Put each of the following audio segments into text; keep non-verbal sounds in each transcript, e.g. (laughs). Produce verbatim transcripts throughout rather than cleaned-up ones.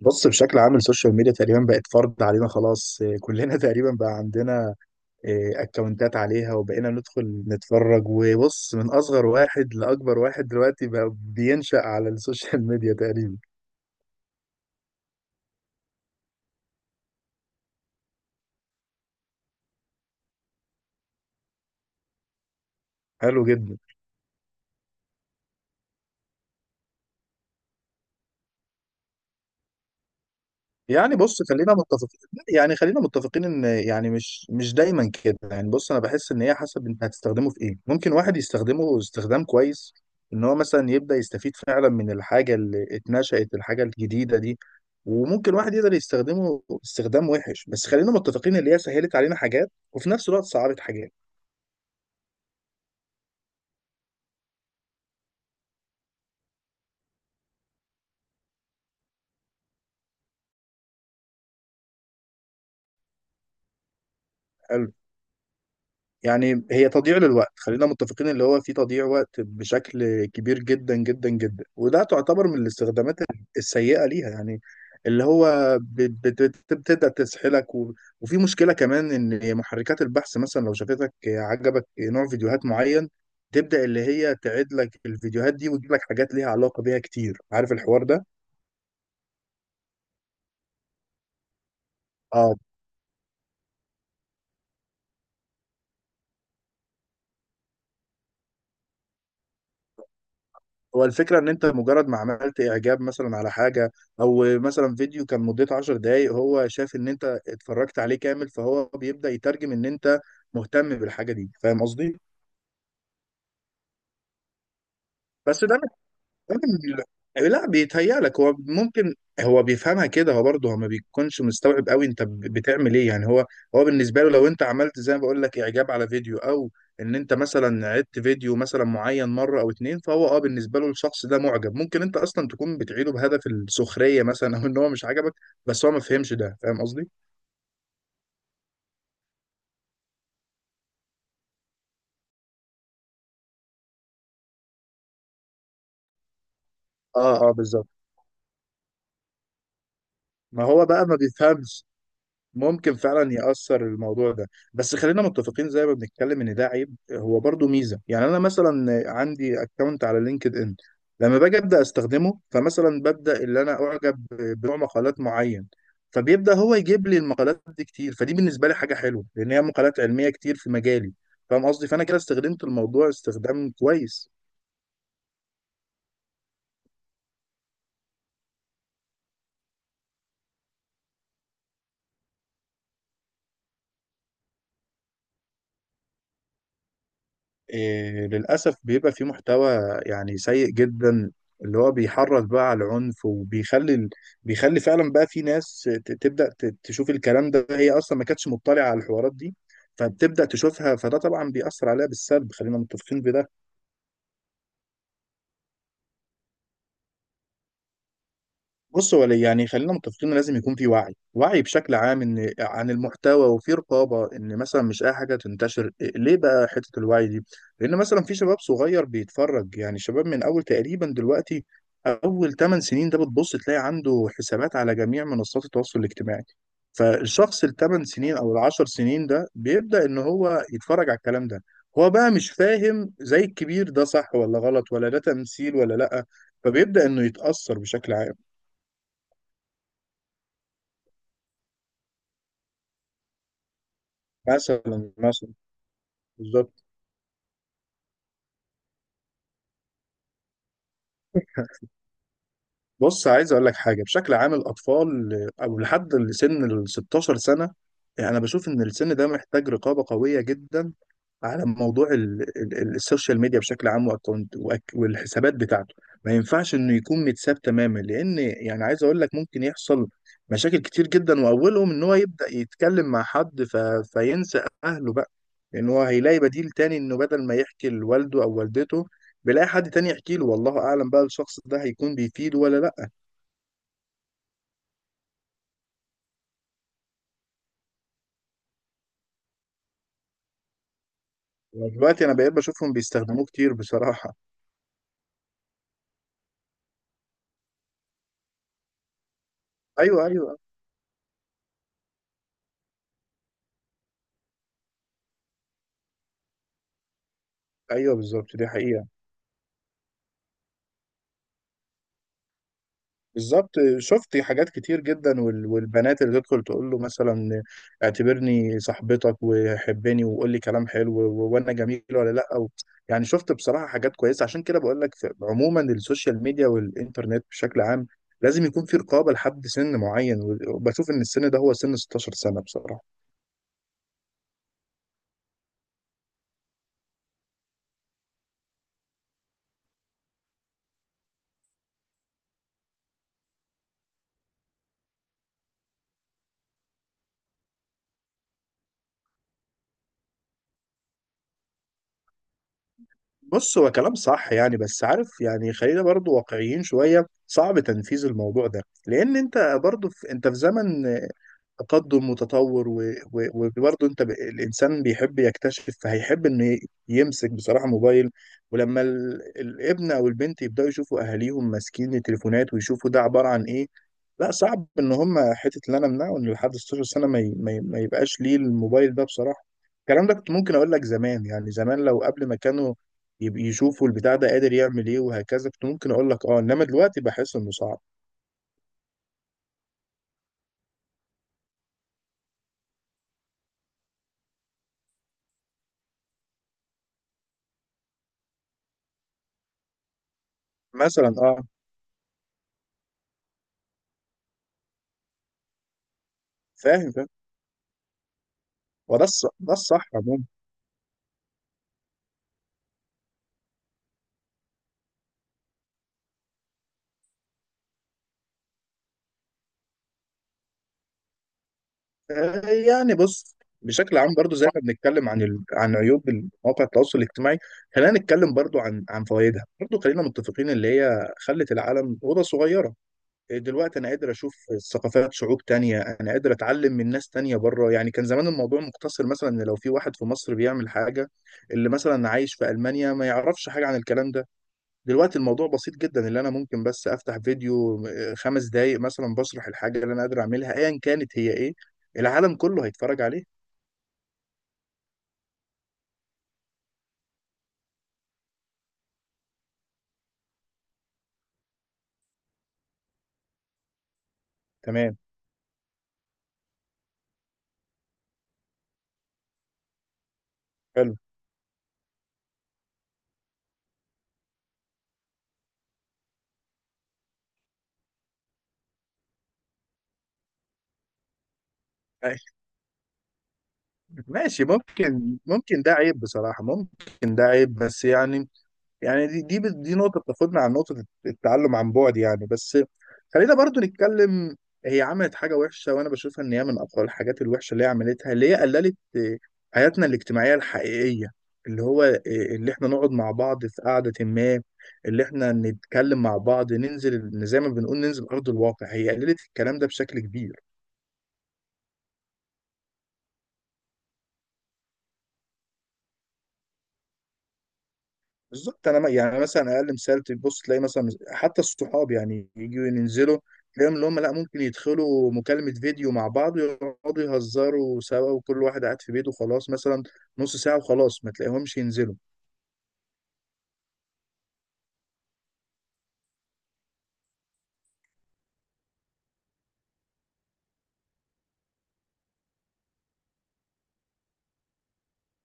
بص بشكل عام السوشيال ميديا تقريبا بقت فرض علينا خلاص. (laughs) إيه، كلنا تقريبا بقى عندنا إيه، اكونتات عليها وبقينا ندخل نتفرج. وبص، من اصغر واحد لاكبر واحد دلوقتي بقى بينشأ على السوشيال ميديا تقريبا. حلو جدا. يعني بص، خلينا متفقين، يعني خلينا متفقين ان، يعني مش مش دايما كده. يعني بص، انا بحس ان هي حسب انت هتستخدمه في ايه. ممكن واحد يستخدمه استخدام كويس، ان هو مثلا يبدأ يستفيد فعلا من الحاجة اللي اتنشأت، الحاجة الجديدة دي. وممكن واحد يقدر يستخدمه استخدام وحش. بس خلينا متفقين ان هي سهلت علينا حاجات وفي نفس الوقت صعبت حاجات. يعني هي تضييع للوقت، خلينا متفقين، اللي هو في تضييع وقت بشكل كبير جدا جدا جدا، وده تعتبر من الاستخدامات السيئة ليها يعني. اللي هو بت- بت- بت- بتبدأ تسحلك و... وفي مشكلة كمان، ان محركات البحث مثلا لو شافتك عجبك نوع فيديوهات معين، تبدأ اللي هي تعيد لك الفيديوهات دي وتجيب لك حاجات ليها علاقة بيها كتير. عارف الحوار ده؟ اه. هو الفكرة إن أنت مجرد ما عملت إعجاب مثلا على حاجة، أو مثلا فيديو كان مدته عشر دقايق هو شاف إن أنت اتفرجت عليه كامل، فهو بيبدأ يترجم إن أنت مهتم بالحاجة دي. فاهم قصدي؟ بس ده ال- لا، بيتهيألك. هو ممكن هو بيفهمها كده. هو برضه هو ما بيكونش مستوعب قوي انت ب- بتعمل ايه يعني. هو، هو بالنسبه له لو انت عملت زي ما بقول لك اعجاب على فيديو، او ان انت مثلا عدت فيديو مثلا معين مره او اتنين، فهو اه بالنسبه له الشخص ده معجب. ممكن انت اصلا تكون بتعيده بهدف السخريه مثلا، او ان هو مش عجبك، بس هو ما فهمش ده. فاهم قصدي؟ اه اه بالظبط. ما هو بقى ما بيفهمش. ممكن فعلا يأثر الموضوع ده. بس خلينا متفقين، زي ما بنتكلم ان ده عيب، هو برضو ميزة. يعني انا مثلا عندي اكونت على لينكد ان، لما باجي ابدا استخدمه فمثلا ببدا اللي انا اعجب بنوع مقالات معين، فبيبدا هو يجيب لي المقالات دي كتير، فدي بالنسبة لي حاجة حلوة لان هي مقالات علمية كتير في مجالي. فاهم قصدي؟ فانا كده استخدمت الموضوع استخدام كويس. إيه للأسف بيبقى فيه محتوى يعني سيء جدا، اللي هو بيحرض بقى على العنف وبيخلي ال- بيخلي فعلا بقى في ناس ت- تبدأ ت- تشوف الكلام ده، هي أصلا ما كانتش مطلعة على الحوارات دي، فبتبدأ تشوفها، فده طبعا بيأثر عليها بالسلب، خلينا متفقين بده. بص، هو يعني خلينا متفقين إن لازم يكون في وعي، وعي بشكل عام ان عن المحتوى، وفي رقابه ان مثلا مش اي حاجه تنتشر. إيه، ليه بقى حته الوعي دي؟ لان مثلا في شباب صغير بيتفرج، يعني شباب من اول تقريبا دلوقتي اول تمن سنين ده بتبص تلاقي عنده حسابات على جميع منصات التواصل الاجتماعي. فالشخص الثمان سنين او العشر سنين ده بيبدا ان هو يتفرج على الكلام ده. هو بقى مش فاهم زي الكبير ده صح ولا غلط، ولا ده تمثيل ولا لا، فبيبدا انه يتاثر بشكل عام. مثلا مثلا. بالظبط. (laughs) بص، عايز اقول لك حاجه، بشكل عام الاطفال او لحد سن ال ستة عشر سنه، يعني انا بشوف ان السن ده محتاج رقابه قويه جدا على موضوع ال- ال- ال- السوشيال ميديا بشكل عام، واكونت وأك- والحسابات بتاعته. ما ينفعش انه يكون متساب تماما، لان يعني عايز اقول لك ممكن يحصل مشاكل كتير جدا، واولهم ان هو يبدا يتكلم مع حد ف... فينسى اهله بقى، لان هو هيلاقي بديل تاني، انه بدل ما يحكي لوالده او والدته بيلاقي حد تاني يحكي له، والله اعلم بقى الشخص ده هيكون بيفيده ولا لا. دلوقتي انا بقيت بشوفهم بيستخدموه كتير بصراحة. ايوه ايوه. ايوه بالظبط، دي حقيقة. بالظبط، شفت حاجات كتير جدا. وال- والبنات اللي تدخل تقول له مثلا اعتبرني صاحبتك وحبني وقول لي كلام حلو، و- وانا جميل ولا لا، أو يعني شفت بصراحة. حاجات كويسة عشان كده بقول لك في- عموما السوشيال ميديا والانترنت بشكل عام لازم يكون في رقابة لحد سن معين. وبشوف ان السن ده هو سن ستاشر سنة بصراحة. بص، هو كلام صح يعني، بس عارف يعني خلينا برضو واقعيين شوية، صعب تنفيذ الموضوع ده. لان انت برضو في، انت في زمن تقدم وتطور و- و- وبرضه انت ب... الانسان بيحب يكتشف، فهيحب انه ي- يمسك بصراحه موبايل. ولما ال... الابن او البنت يبداوا يشوفوا اهاليهم ماسكين التليفونات ويشوفوا ده عباره عن ايه، لا صعب ان هم حته اللي انا امنعه ان لحد ستاشر سنه ما, ي... ما, ي... ما يبقاش ليه الموبايل ده بصراحه. الكلام ده كنت ممكن اقول لك زمان، يعني زمان لو قبل ما كانوا يب- يشوفوا البتاع ده قادر يعمل ايه وهكذا، كنت ممكن اقول لك اه. انما دلوقتي بحس انه صعب. مثلا. اه. فاهم فاهم. وده الص- ده الصح عموما. آه، يعني بص، بشكل عام برضو زي ما بنتكلم عن ال... عن عيوب مواقع التواصل الاجتماعي، خلينا نتكلم برضو عن عن فوائدها برضو. خلينا متفقين اللي هي خلت العالم أوضة صغيرة. إيه، دلوقتي أنا قادر أشوف ثقافات شعوب تانية، أنا قادر أتعلم من ناس تانية بره. يعني كان زمان الموضوع مقتصر، مثلا إن لو في واحد في مصر بيعمل حاجة، اللي مثلا عايش في ألمانيا ما يعرفش حاجة عن الكلام ده. دلوقتي الموضوع بسيط جدا، اللي انا ممكن بس افتح فيديو آه، خمس دقايق مثلا بشرح الحاجه اللي انا قادر اعملها ايا كانت هي ايه، العالم كله هيتفرج عليه. تمام. حلو. (laughs) ماشي، ممكن ممكن ده عيب بصراحه، ممكن ده عيب، بس يعني، يعني دي دي دي نقطة بتاخدنا عن نقطة التعلم عن بعد يعني، بس خلينا برضو نتكلم. هي عملت حاجة وحشة، وأنا بشوفها إن هي من أقوى الحاجات الوحشة اللي هي عملتها، اللي هي قللت آه، حياتنا الاجتماعية الحقيقية، اللي هو آه، اللي إحنا نقعد مع بعض في قعدة ما، اللي إحنا نتكلم مع بعض، ننزل زي ما بنقول ننزل أرض الواقع، هي قللت الكلام ده بشكل كبير. بالظبط انا ما- يعني مثلا اقل مثال، تبص تلاقي مثلا حتى الصحاب يعني يجوا ينزلوا، تلاقيهم اللي هم لا ممكن يدخلوا مكالمة فيديو مع بعض ويقعدوا يهزروا سوا وكل واحد قاعد في بيته، خلاص مثلا نص ساعة وخلاص ما تلاقيهمش ينزلوا.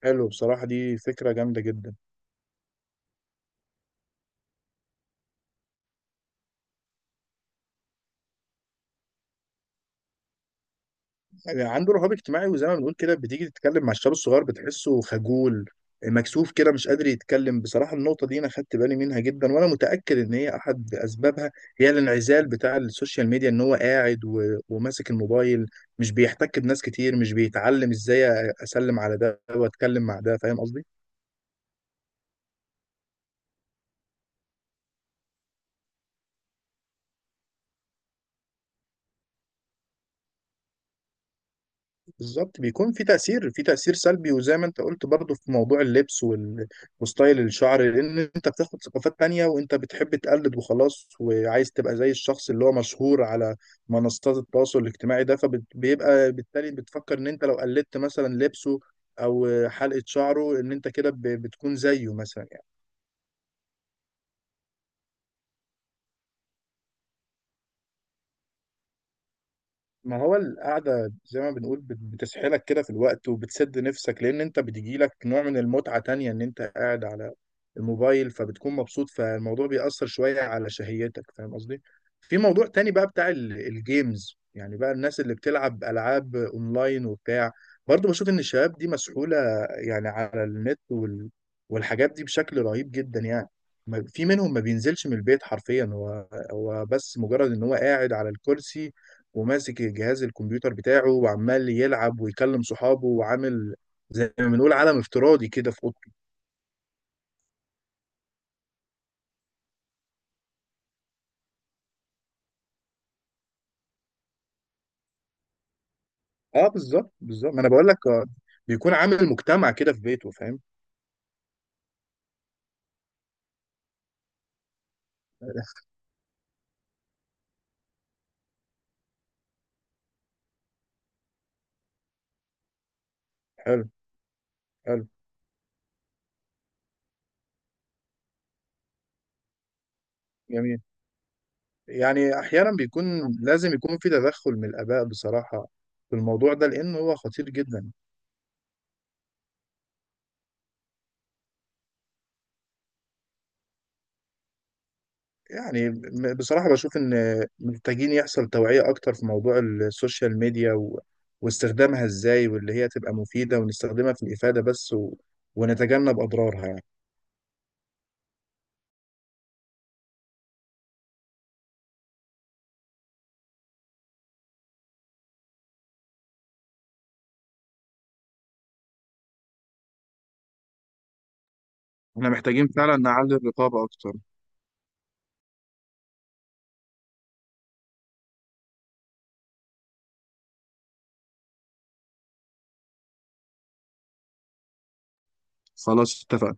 حلو بصراحة، دي فكرة جامدة جدا. يعني عنده رهاب اجتماعي، وزي ما بنقول كده بتيجي تتكلم مع الشباب الصغير بتحسه خجول، مكسوف كده، مش قادر يتكلم بصراحة. النقطة دي أنا خدت بالي منها جدا، وأنا متأكد إن هي أحد أسبابها هي الانعزال بتاع السوشيال ميديا، إن هو قاعد و... وماسك الموبايل، مش بيحتك بناس كتير، مش بيتعلم إزاي أسلم على ده وأتكلم مع ده. فاهم قصدي؟ بالظبط، بيكون في تأثير، في تأثير سلبي. وزي ما انت قلت برضو في موضوع اللبس وال- وستايل الشعر، لأن انت بتاخد ثقافات تانية وانت بتحب تقلد وخلاص، وعايز تبقى زي الشخص اللي هو مشهور على منصات التواصل الاجتماعي ده. فبيبقى بالتالي بتفكر ان انت لو قلدت مثلا لبسه او حلقة شعره ان انت كده ب- بتكون زيه مثلا. ما هو القعدة زي ما بنقول بت- بتسحلك كده في الوقت، وبتسد نفسك، لأن أنت بتجيلك نوع من المتعة تانية إن أنت قاعد على الموبايل فبتكون مبسوط، فالموضوع بيأثر شوية على شهيتك. فاهم قصدي؟ في موضوع تاني بقى بتاع ال- الجيمز، يعني بقى الناس اللي بتلعب ألعاب أونلاين وبتاع. برضه بشوف إن الشباب دي مسحولة يعني على النت وال... والحاجات دي بشكل رهيب جدا يعني. ما- في منهم ما بينزلش من البيت حرفيا، هو هو بس مجرد إن هو قاعد على الكرسي وماسك الجهاز الكمبيوتر بتاعه وعمال يلعب ويكلم صحابه، وعامل زي ما بنقول عالم افتراضي كده في اوضته. اه بالظبط بالظبط، ما انا بقول لك. آه، بيكون عامل مجتمع كده في بيته. فاهم؟ (laughs) حلو. حلو. جميل. يعني احيانا بيكون لازم يكون في تدخل من الاباء بصراحه في الموضوع ده، لانه هو خطير جدا. يعني م- بصراحة بشوف إن محتاجين يحصل توعية أكتر في موضوع السوشيال ميديا و... واستخدامها إزاي، واللي هي تبقى مفيدة، ونستخدمها في الإفادة بس، و... ونتجنب أضرارها يعني. احنا محتاجين فعلا نعلي الرقابة أكتر. خلاص اتفقنا.